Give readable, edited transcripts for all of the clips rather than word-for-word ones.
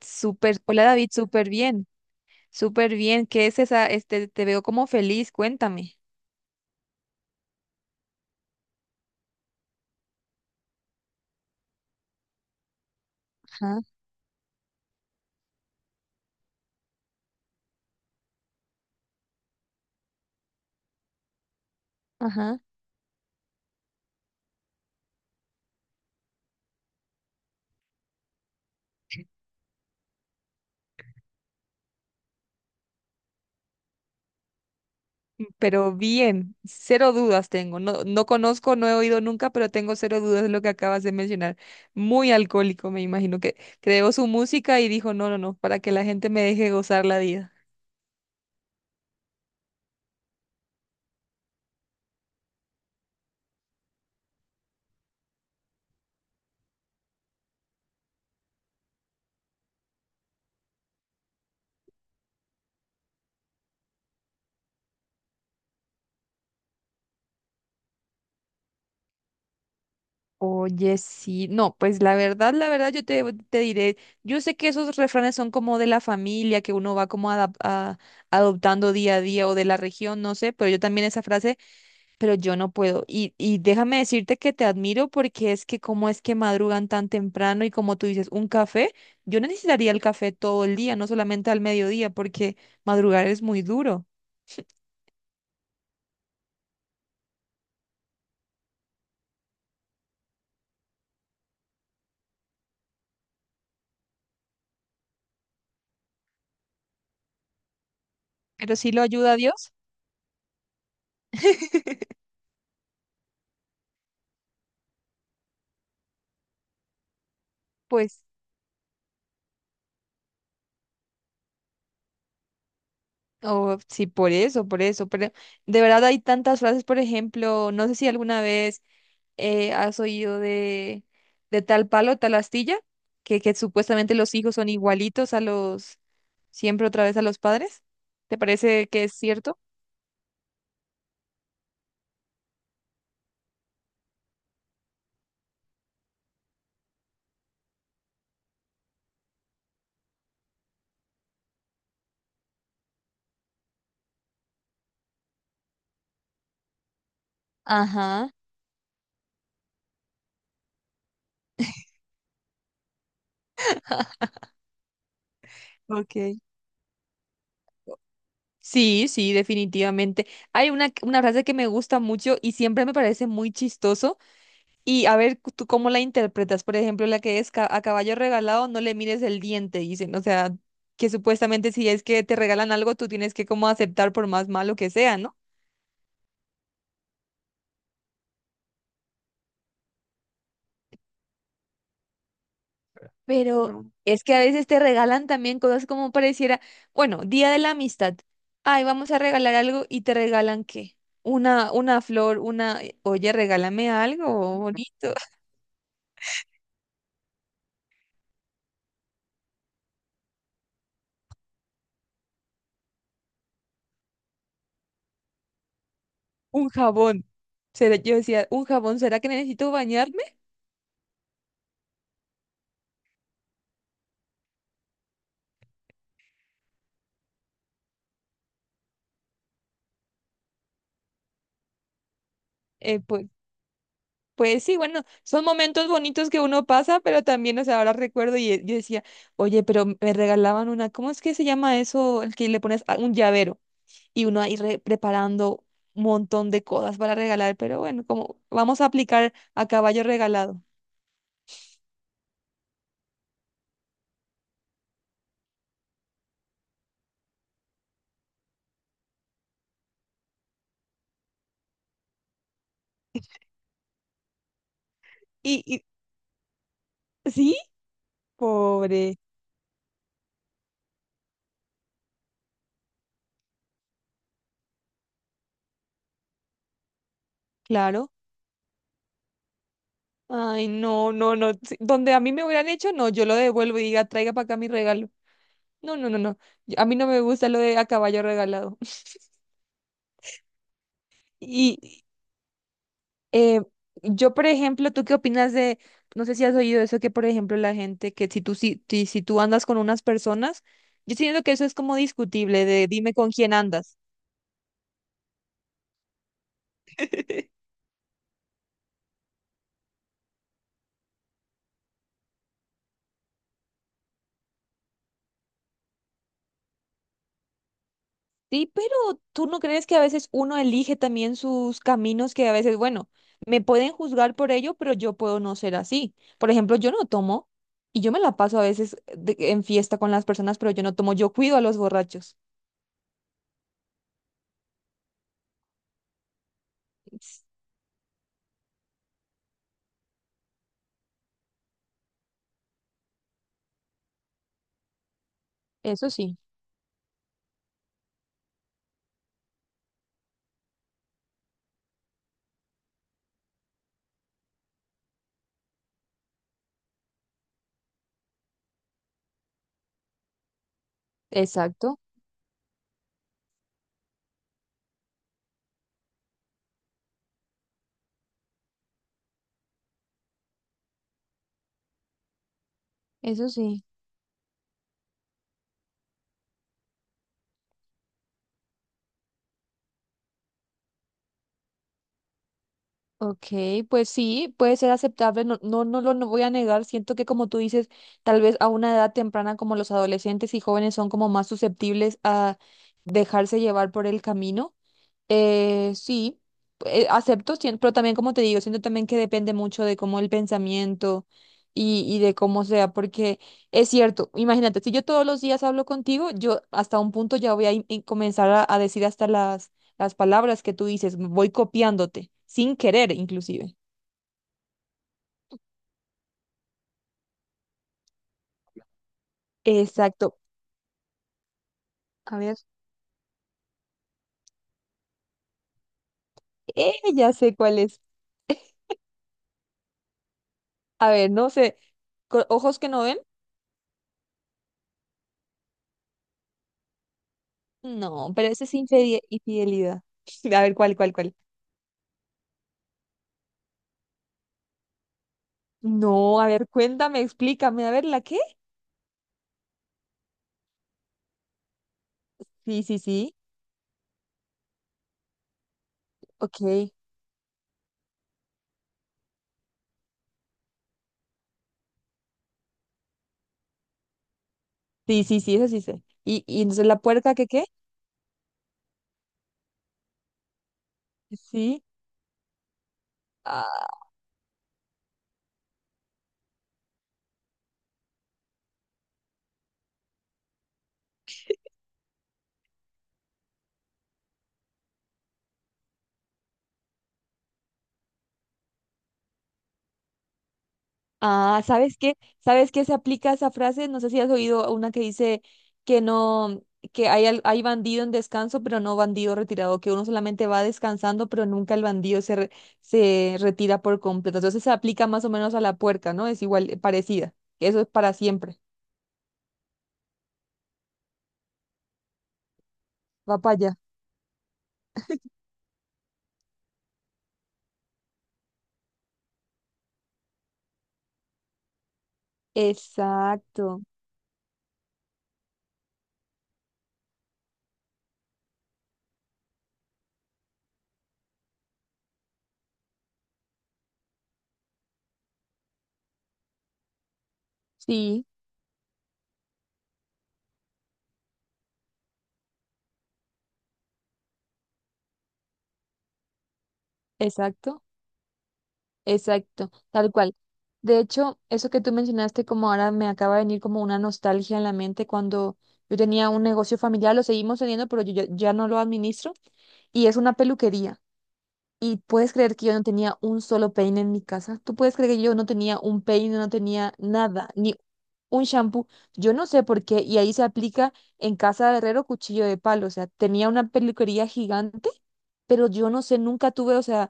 Súper, hola David, súper bien, súper bien. ¿Qué es esa? Este, te veo como feliz, cuéntame. Ajá, ajá. Mm, pero bien, cero dudas tengo. No, no conozco, no he oído nunca, pero tengo cero dudas de lo que acabas de mencionar. Muy alcohólico, me imagino que creó su música y dijo, no, no, no, para que la gente me deje gozar la vida. Oye, sí, no, pues la verdad, yo te, te diré, yo sé que esos refranes son como de la familia, que uno va como adoptando día a día o de la región, no sé, pero yo también esa frase, pero yo no puedo. Y déjame decirte que te admiro porque es que cómo es que madrugan tan temprano y como tú dices, un café, yo no necesitaría el café todo el día, no solamente al mediodía, porque madrugar es muy duro, pero sí lo ayuda a Dios. Pues. Oh, sí, por eso, pero de verdad hay tantas frases, por ejemplo, no sé si alguna vez has oído de tal palo, tal astilla, que supuestamente los hijos son igualitos a los, siempre otra vez a los padres. ¿Te parece que es cierto? Ajá. Okay. Sí, sí, definitivamente. Hay una frase que me gusta mucho y siempre me parece muy chistoso. Y a ver, ¿tú cómo la interpretas? Por ejemplo, la que es a caballo regalado, no le mires el diente, dicen. O sea, que supuestamente si es que te regalan algo, tú tienes que como aceptar por más malo que sea, ¿no? Pero no, es que a veces te regalan también cosas como pareciera, bueno, Día de la Amistad. Ay, vamos a regalar algo y te regalan, ¿qué? Una flor, una, oye, regálame algo bonito, un jabón. Yo decía, ¿un jabón? ¿Será que necesito bañarme? Eh, pues Pues sí, bueno, son momentos bonitos que uno pasa, pero también, o sea, ahora recuerdo y yo decía, oye, pero me regalaban una, ¿cómo es que se llama eso? El que le pones un llavero y uno ahí preparando un montón de cosas para regalar, pero bueno, como vamos a aplicar a caballo regalado. Y sí, pobre, claro. Ay, no, no, no, sí, donde a mí me hubieran hecho, no, yo lo devuelvo y diga, traiga para acá mi regalo. No, no, no, no. A mí no me gusta lo de a caballo regalado. Y, Eh, yo, por ejemplo, ¿tú qué opinas de, no sé si has oído eso, que por ejemplo la gente, que si tú, si tú andas con unas personas, yo siento que eso es como discutible, de dime con quién andas. Sí, pero ¿tú no crees que a veces uno elige también sus caminos que a veces, bueno, me pueden juzgar por ello, pero yo puedo no ser así? Por ejemplo, yo no tomo y yo me la paso a veces en fiesta con las personas, pero yo no tomo, yo cuido a los borrachos. Eso sí, exacto, eso sí. Ok, pues sí, puede ser aceptable, no, no, no lo no voy a negar, siento que como tú dices, tal vez a una edad temprana como los adolescentes y jóvenes son como más susceptibles a dejarse llevar por el camino, sí, acepto, pero también como te digo, siento también que depende mucho de cómo el pensamiento y de cómo sea, porque es cierto, imagínate, si yo todos los días hablo contigo, yo hasta un punto ya voy a comenzar a decir hasta las palabras que tú dices, voy copiándote, sin querer inclusive. Exacto. A ver, ya sé cuál es. A ver, no sé, ojos que no ven, no, pero ese es infidelidad. A ver, ¿cuál, cuál, cuál? No, a ver, cuéntame, explícame, a ver, ¿la qué? Sí, sí, sí, ok. Sí, sí, sí, eso sí sé. Y entonces la puerca qué qué? Sí. Ah, ah, ¿sabes qué? ¿Sabes qué se aplica esa frase? No sé si has oído una que dice que no, que hay, hay bandido en descanso, pero no bandido retirado, que uno solamente va descansando, pero nunca el bandido se, se retira por completo. Entonces se aplica más o menos a la puerca, ¿no? Es igual, parecida. Eso es para siempre. Va para allá. Exacto. Sí. Exacto, exacto, tal cual. De hecho, eso que tú mencionaste, como ahora me acaba de venir como una nostalgia en la mente cuando yo tenía un negocio familiar, lo seguimos teniendo, pero yo ya no lo administro, y es una peluquería. Y puedes creer que yo no tenía un solo peine en mi casa. Tú puedes creer que yo no tenía un peine, no tenía nada, ni un shampoo. Yo no sé por qué, y ahí se aplica en casa de herrero cuchillo de palo. O sea, tenía una peluquería gigante, pero yo no sé, nunca tuve, o sea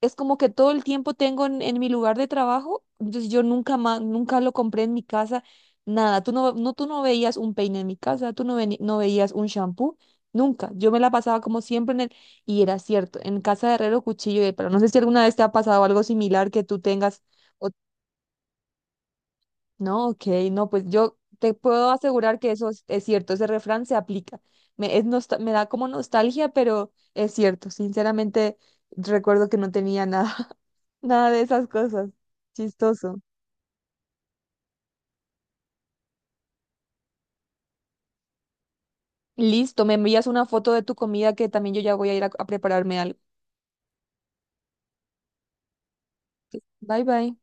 es como que todo el tiempo tengo en mi lugar de trabajo, entonces yo nunca más, nunca lo compré en mi casa, nada. Tú no, tú no veías un peine en mi casa, tú no, no veías un shampoo, nunca. Yo me la pasaba como siempre en el, y era cierto, en casa de herrero, cuchillo de palo. No sé si alguna vez te ha pasado algo similar que tú tengas, o- no, ok, no, pues yo te puedo asegurar que eso es cierto, ese refrán se aplica. Me, me da como nostalgia, pero es cierto, sinceramente recuerdo que no tenía nada. Nada de esas cosas. Chistoso. Listo, me envías una foto de tu comida que también yo ya voy a ir a prepararme algo. Bye bye.